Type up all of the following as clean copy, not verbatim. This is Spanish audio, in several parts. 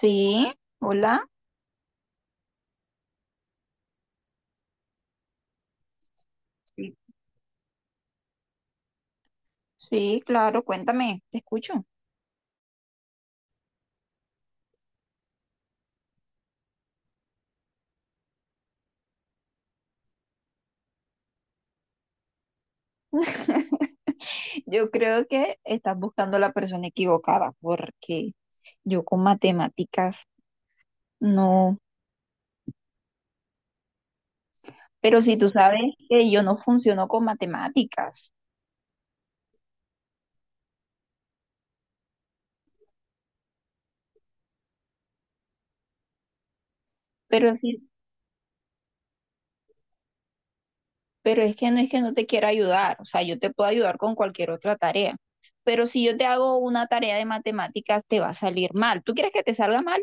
Sí, hola. Sí. Sí, claro, cuéntame, te escucho. Yo creo que estás buscando a la persona equivocada porque yo con matemáticas no, pero si tú sabes que yo no funciono con matemáticas, pero pero es que no te quiera ayudar, o sea, yo te puedo ayudar con cualquier otra tarea, pero si yo te hago una tarea de matemáticas te va a salir mal. ¿Tú quieres que te salga mal?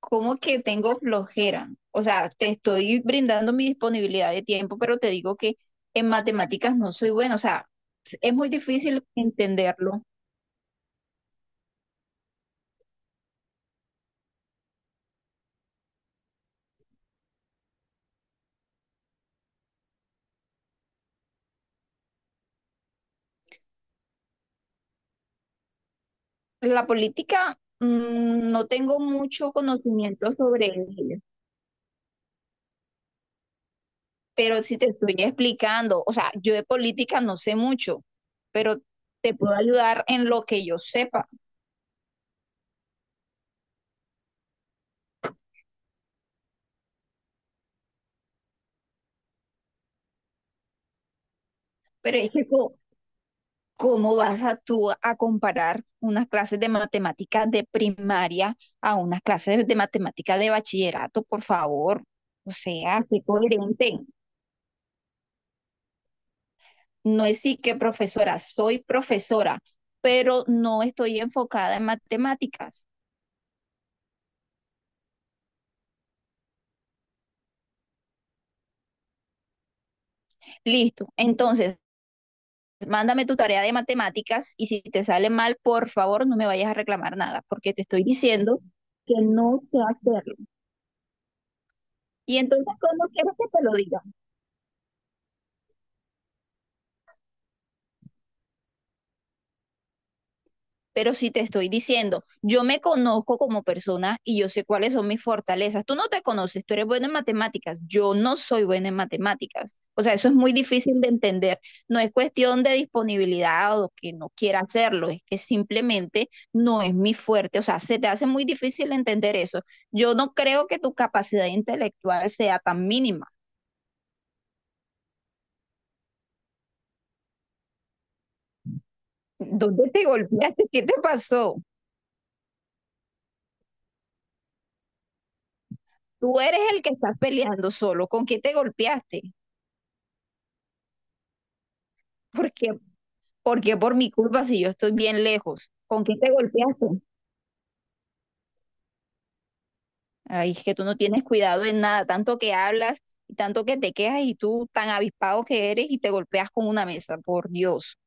Como que tengo flojera. O sea, te estoy brindando mi disponibilidad de tiempo, pero te digo que en matemáticas no soy buena. O sea, es muy difícil entenderlo. La política, mm, no tengo mucho conocimiento sobre ella, pero si te estoy explicando, o sea, yo de política no sé mucho, pero te puedo ayudar en lo que yo sepa. Pero es que co- ¿Cómo vas a tú a comparar unas clases de matemáticas de primaria a unas clases de matemáticas de bachillerato, por favor? O sea, qué coherente. No es sí que profesora, soy profesora, pero no estoy enfocada en matemáticas. Listo. Entonces, mándame tu tarea de matemáticas y si te sale mal, por favor, no me vayas a reclamar nada, porque te estoy diciendo que no sé hacerlo. Y entonces, ¿cómo quieres que te lo diga? Pero si te estoy diciendo, yo me conozco como persona y yo sé cuáles son mis fortalezas. Tú no te conoces, tú eres buena en matemáticas. Yo no soy buena en matemáticas. O sea, eso es muy difícil de entender. No es cuestión de disponibilidad o que no quiera hacerlo, es que simplemente no es mi fuerte. O sea, se te hace muy difícil entender eso. Yo no creo que tu capacidad intelectual sea tan mínima. ¿Dónde te golpeaste? ¿Qué te pasó? Tú eres el que estás peleando solo. ¿Con qué te golpeaste? Porque, porque por mi culpa si yo estoy bien lejos. ¿Con qué te golpeaste? Ay, es que tú no tienes cuidado en nada, tanto que hablas y tanto que te quejas y tú tan avispado que eres y te golpeas con una mesa, por Dios.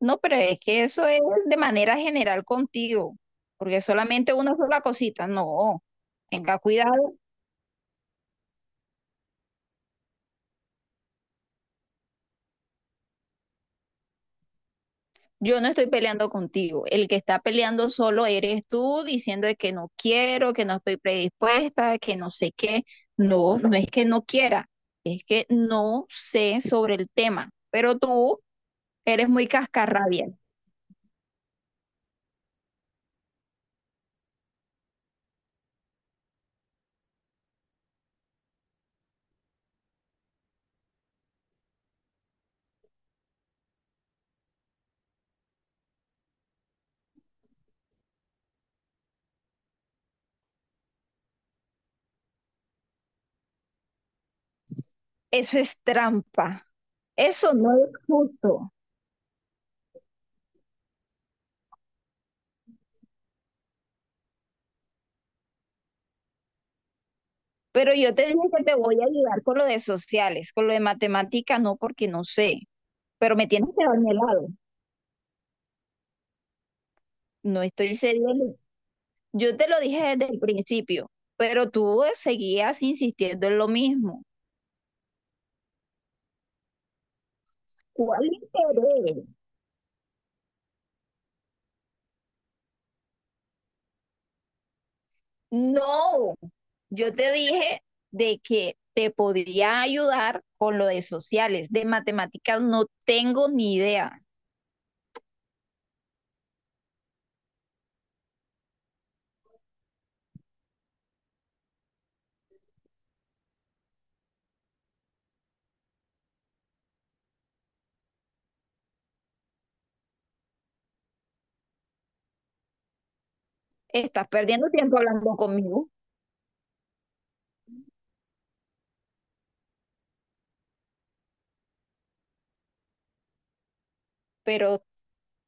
No, pero es que eso es de manera general contigo, porque solamente una sola cosita, no. Tenga cuidado. Yo no estoy peleando contigo. El que está peleando solo eres tú, diciendo de que no quiero, que no estoy predispuesta, que no sé qué. No, no es que no quiera, es que no sé sobre el tema. Pero tú eres muy cascarrabia. Eso es trampa. Eso no es justo. Pero yo te dije que te voy a ayudar con lo de sociales, con lo de matemática no, porque no sé. Pero me tienes que dar mi helado. No estoy cediendo. Yo te lo dije desde el principio, pero tú seguías insistiendo en lo mismo. ¿Cuál interés? No, yo te dije de que te podría ayudar con lo de sociales, de matemáticas no tengo ni idea. Estás perdiendo tiempo hablando conmigo, pero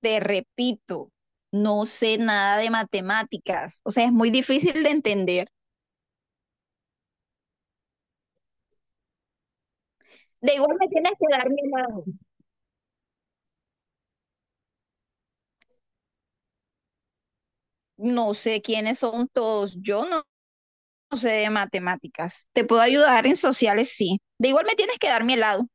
te repito, no sé nada de matemáticas, o sea, es muy difícil de entender. De igual me tienes que dar mi mano. No sé quiénes son todos, yo no, no sé de matemáticas. Te puedo ayudar en sociales, sí. De igual me tienes que dar mi helado.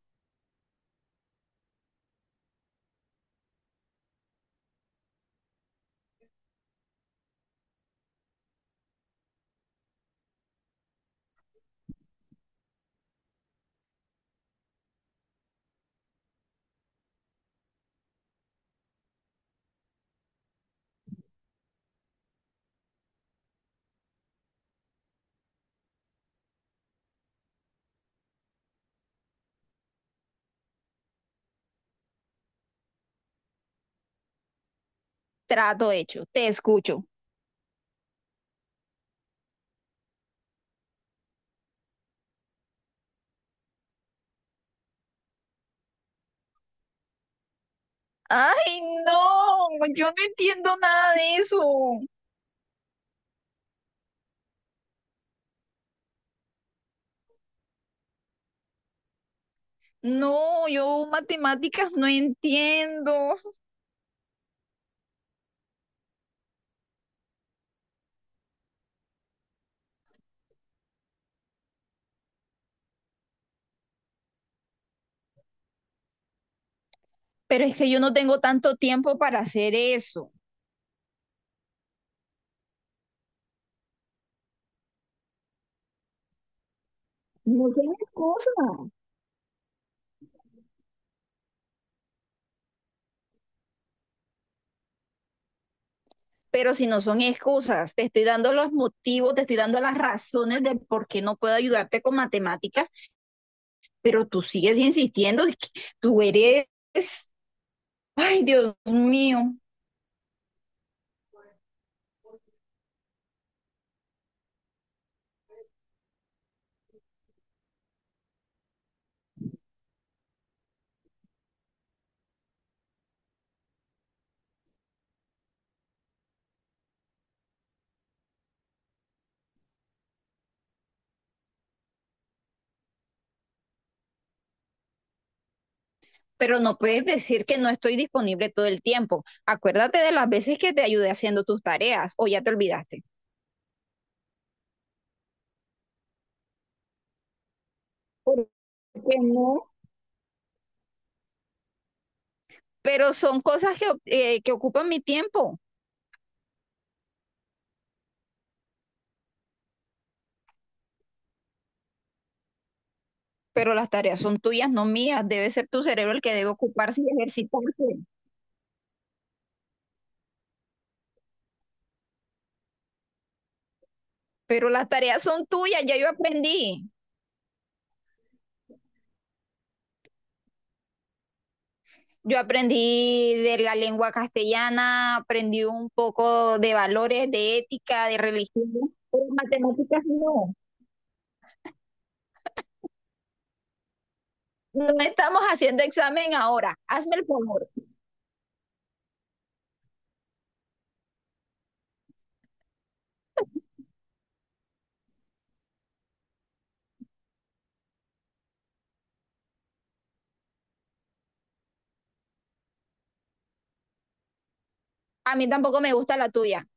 Trato hecho, te escucho. Ay, no, yo no entiendo nada de eso. No, yo matemáticas no entiendo. Pero es que yo no tengo tanto tiempo para hacer eso. No tienes excusa. Pero si no son excusas, te estoy dando los motivos, te estoy dando las razones de por qué no puedo ayudarte con matemáticas, pero tú sigues insistiendo, es que tú eres Ay, Dios mío, pero no puedes decir que no estoy disponible todo el tiempo. Acuérdate de las veces que te ayudé haciendo tus tareas o ya te olvidaste. ¿Por qué no? Pero son cosas que ocupan mi tiempo, pero las tareas son tuyas, no mías. Debe ser tu cerebro el que debe ocuparse y ejercitarse. Pero las tareas son tuyas, ya yo aprendí. Yo aprendí de la lengua castellana, aprendí un poco de valores, de ética, de religión, pero matemáticas no. No estamos haciendo examen ahora. Hazme el favor. A mí tampoco me gusta la tuya.